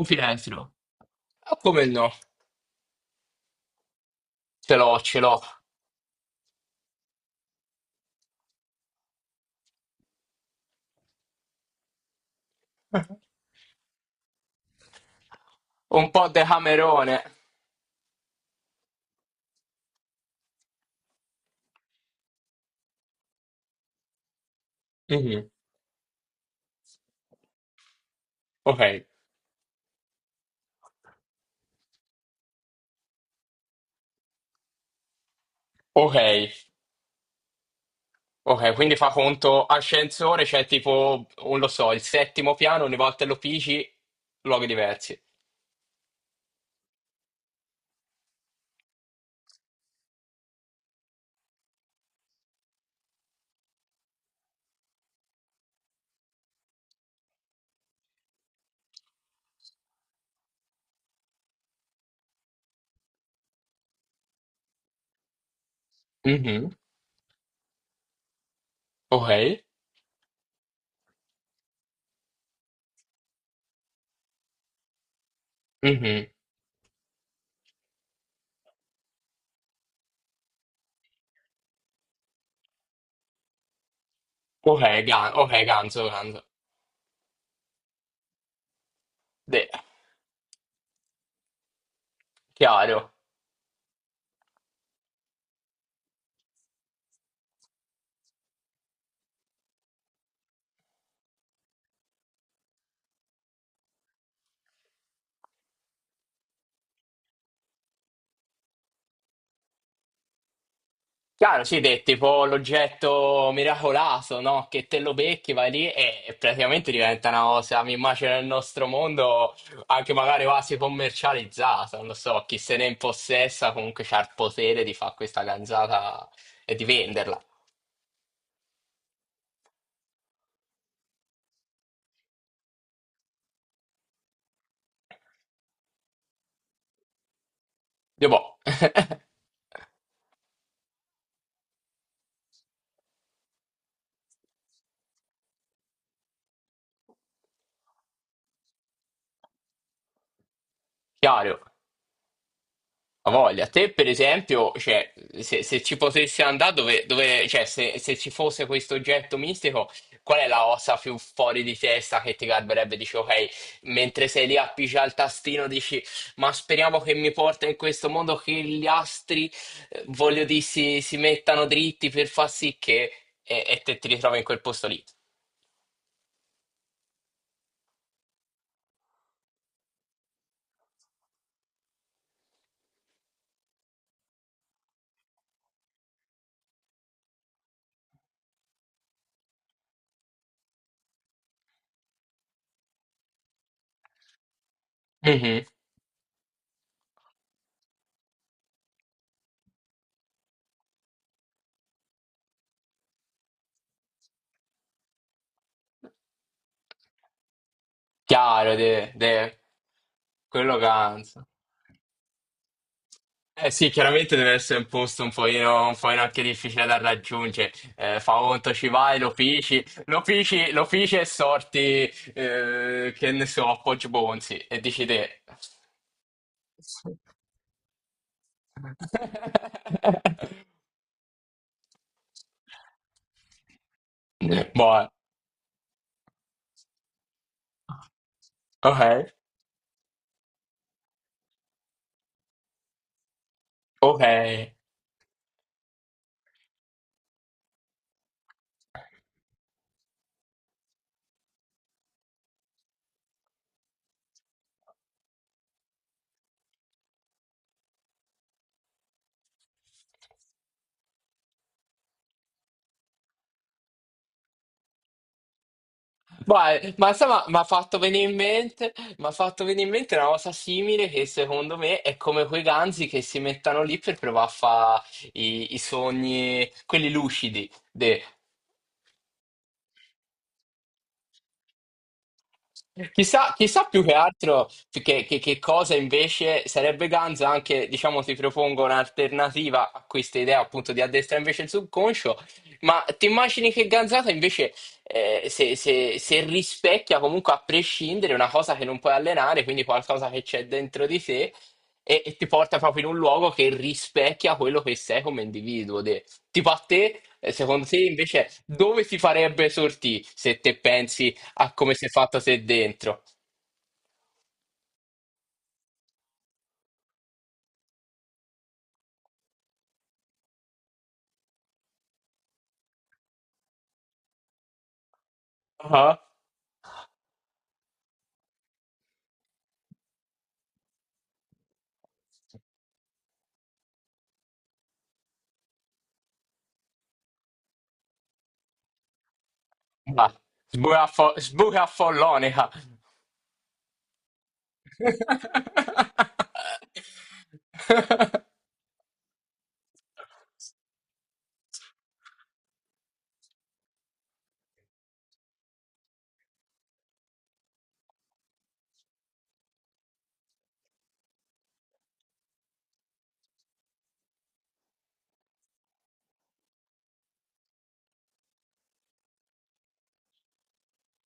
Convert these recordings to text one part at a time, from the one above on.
Un finestrino. Ah, come no? Ce l'ho, ce l'ho. Un po' decamerone. Mhm. Ok, ok, ok. Quindi fa conto ascensore, c'è tipo, non lo so, il settimo piano, ogni volta lo pigi, luoghi diversi. Mhm. Ok, mhm. Ok, ok, ganzo, ganzo. De- chiaro. Chiaro, sì, è tipo l'oggetto miracoloso, no? Che te lo becchi, vai lì e praticamente diventa una cosa, mi immagino nel nostro mondo, anche magari quasi commercializzata, non lo so, chi se ne impossessa comunque c'ha il potere di fare questa ganzata e di venderla. Io boh, chiaro. A voglia, te per esempio, cioè, se ci potessi andare, dove cioè, se ci fosse questo oggetto mistico, qual è la ossa più fuori di testa che ti garberebbe? Dici, ok, mentre sei lì appicci al tastino, dici, ma speriamo che mi porta in questo mondo, che gli astri, voglio dire, si mettano dritti per far sì che... E te ti ritrovi in quel posto lì. Mhm. Chiaro, quello canza. Eh sì, chiaramente deve essere un posto un pochino anche difficile da raggiungere. Fa conto, ci vai, lo fici, lo fici, lo fici e sorti, che ne so, a Poggio Bonzi e dici te. Boh, ok, ok. Vai, ma insomma, mi ha fatto venire in mente, mi ha fatto venire in mente una cosa simile che secondo me è come quei ganzi che si mettono lì per provare a fare i sogni, quelli lucidi. Chissà, chissà più che altro che, che cosa invece sarebbe ganza, anche diciamo ti propongo un'alternativa a questa idea appunto di addestrare invece il subconscio, ma ti immagini che ganzata invece se, se rispecchia comunque a prescindere una cosa che non puoi allenare, quindi qualcosa che c'è dentro di te e ti porta proprio in un luogo che rispecchia quello che sei come individuo. Tipo a te, secondo te invece dove ti farebbe sortì se te pensi? A come sei fatta te dentro. Ah, ah. Sburaffollonica.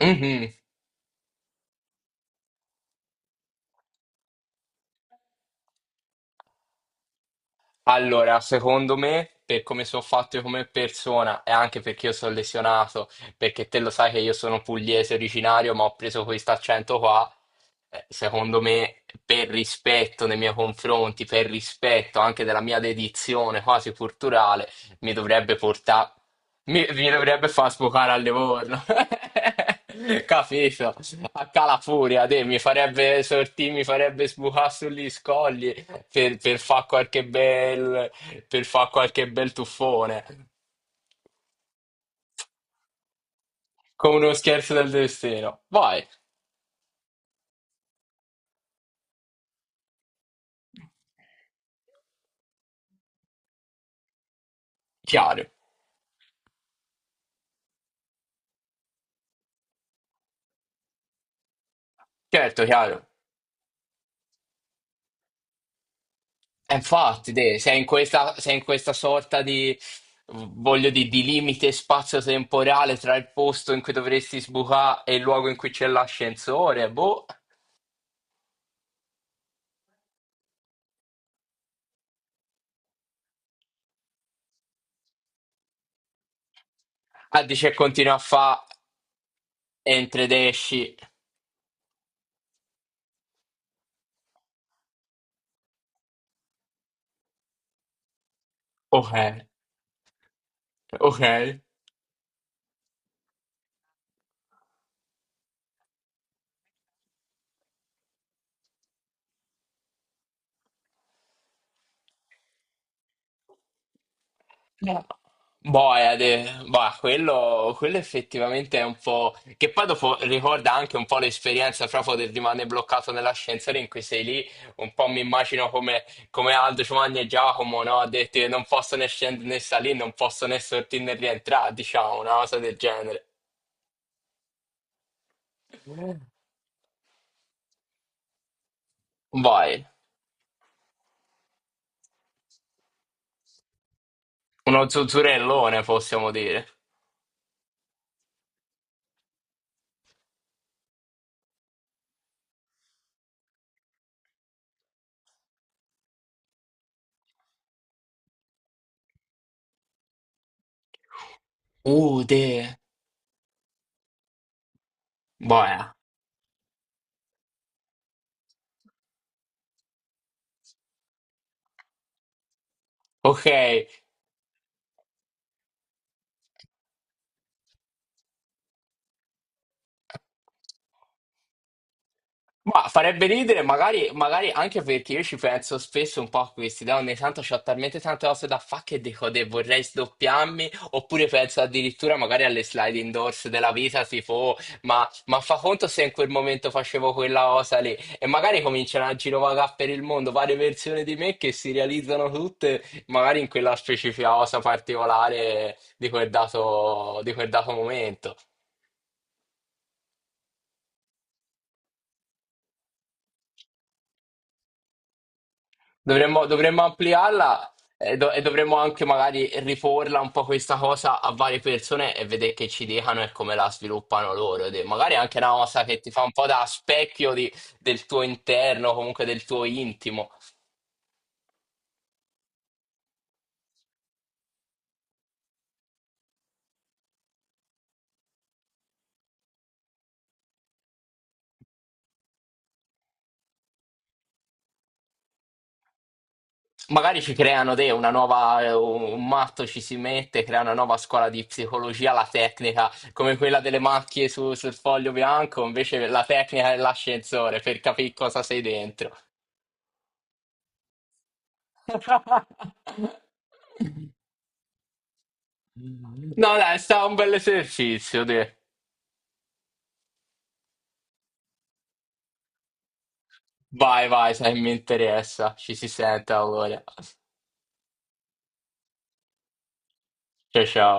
Mhm. Allora, secondo me, per come sono fatto io come persona e anche perché io sono lesionato, perché te lo sai che io sono pugliese originario, ma ho preso questo accento qua, secondo me, per rispetto nei miei confronti, per rispetto anche della mia dedizione quasi culturale, mi dovrebbe portare, mi dovrebbe far sfocare a Livorno. Capito? A Calafuria, te, mi farebbe sortì, mi farebbe sbucare sugli scogli per fare qualche bel, per fa qualche bel tuffone, come uno scherzo del destino. Vai, chiaro, certo, chiaro. E infatti, te, sei in questa sorta di, voglio dire, di limite spazio-temporale tra il posto in cui dovresti sbucare e il luogo in cui c'è l'ascensore, boh. Ah, dice continua a fare entri ed esci. Ok, ok. Boh, boia, boia, quello effettivamente è un po'. Che poi dopo ricorda anche un po' l'esperienza proprio del rimanere bloccato nell'ascensore in cui sei lì. Un po' mi immagino come, come Aldo Giovanni e Giacomo, no? Ha detto che non posso né scendere né salire, non posso né sortire né rientrare, diciamo, una cosa del genere. Vai, uno zuzzurellone possiamo dire. Uh, de, boia. Ok. Ma farebbe ridere, magari, magari anche perché io ci penso spesso un po' a questi, da ogni tanto ho talmente tante cose da fare che dico: "Deh, vorrei sdoppiarmi", oppure penso addirittura magari alle sliding doors della vita, tipo: "Oh, ma fa conto, se in quel momento facevo quella cosa lì, e magari cominciano a girovagare per il mondo varie versioni di me che si realizzano tutte, magari in quella specifica cosa particolare di quel dato momento." Dovremmo ampliarla e, e dovremmo anche magari riporla un po' questa cosa a varie persone e vedere che ci dicano e come la sviluppano loro. De- Magari anche una cosa che ti fa un po' da specchio del tuo interno, comunque del tuo intimo. Magari ci creano te una nuova, un matto ci si mette, crea una nuova scuola di psicologia, la tecnica, come quella delle macchie sul foglio bianco, invece la tecnica dell'ascensore per capire cosa sei dentro. No, dai, è stato un bel esercizio, dai. Vai, vai, se mi interessa. Ci si sente allora. Ciao, ciao.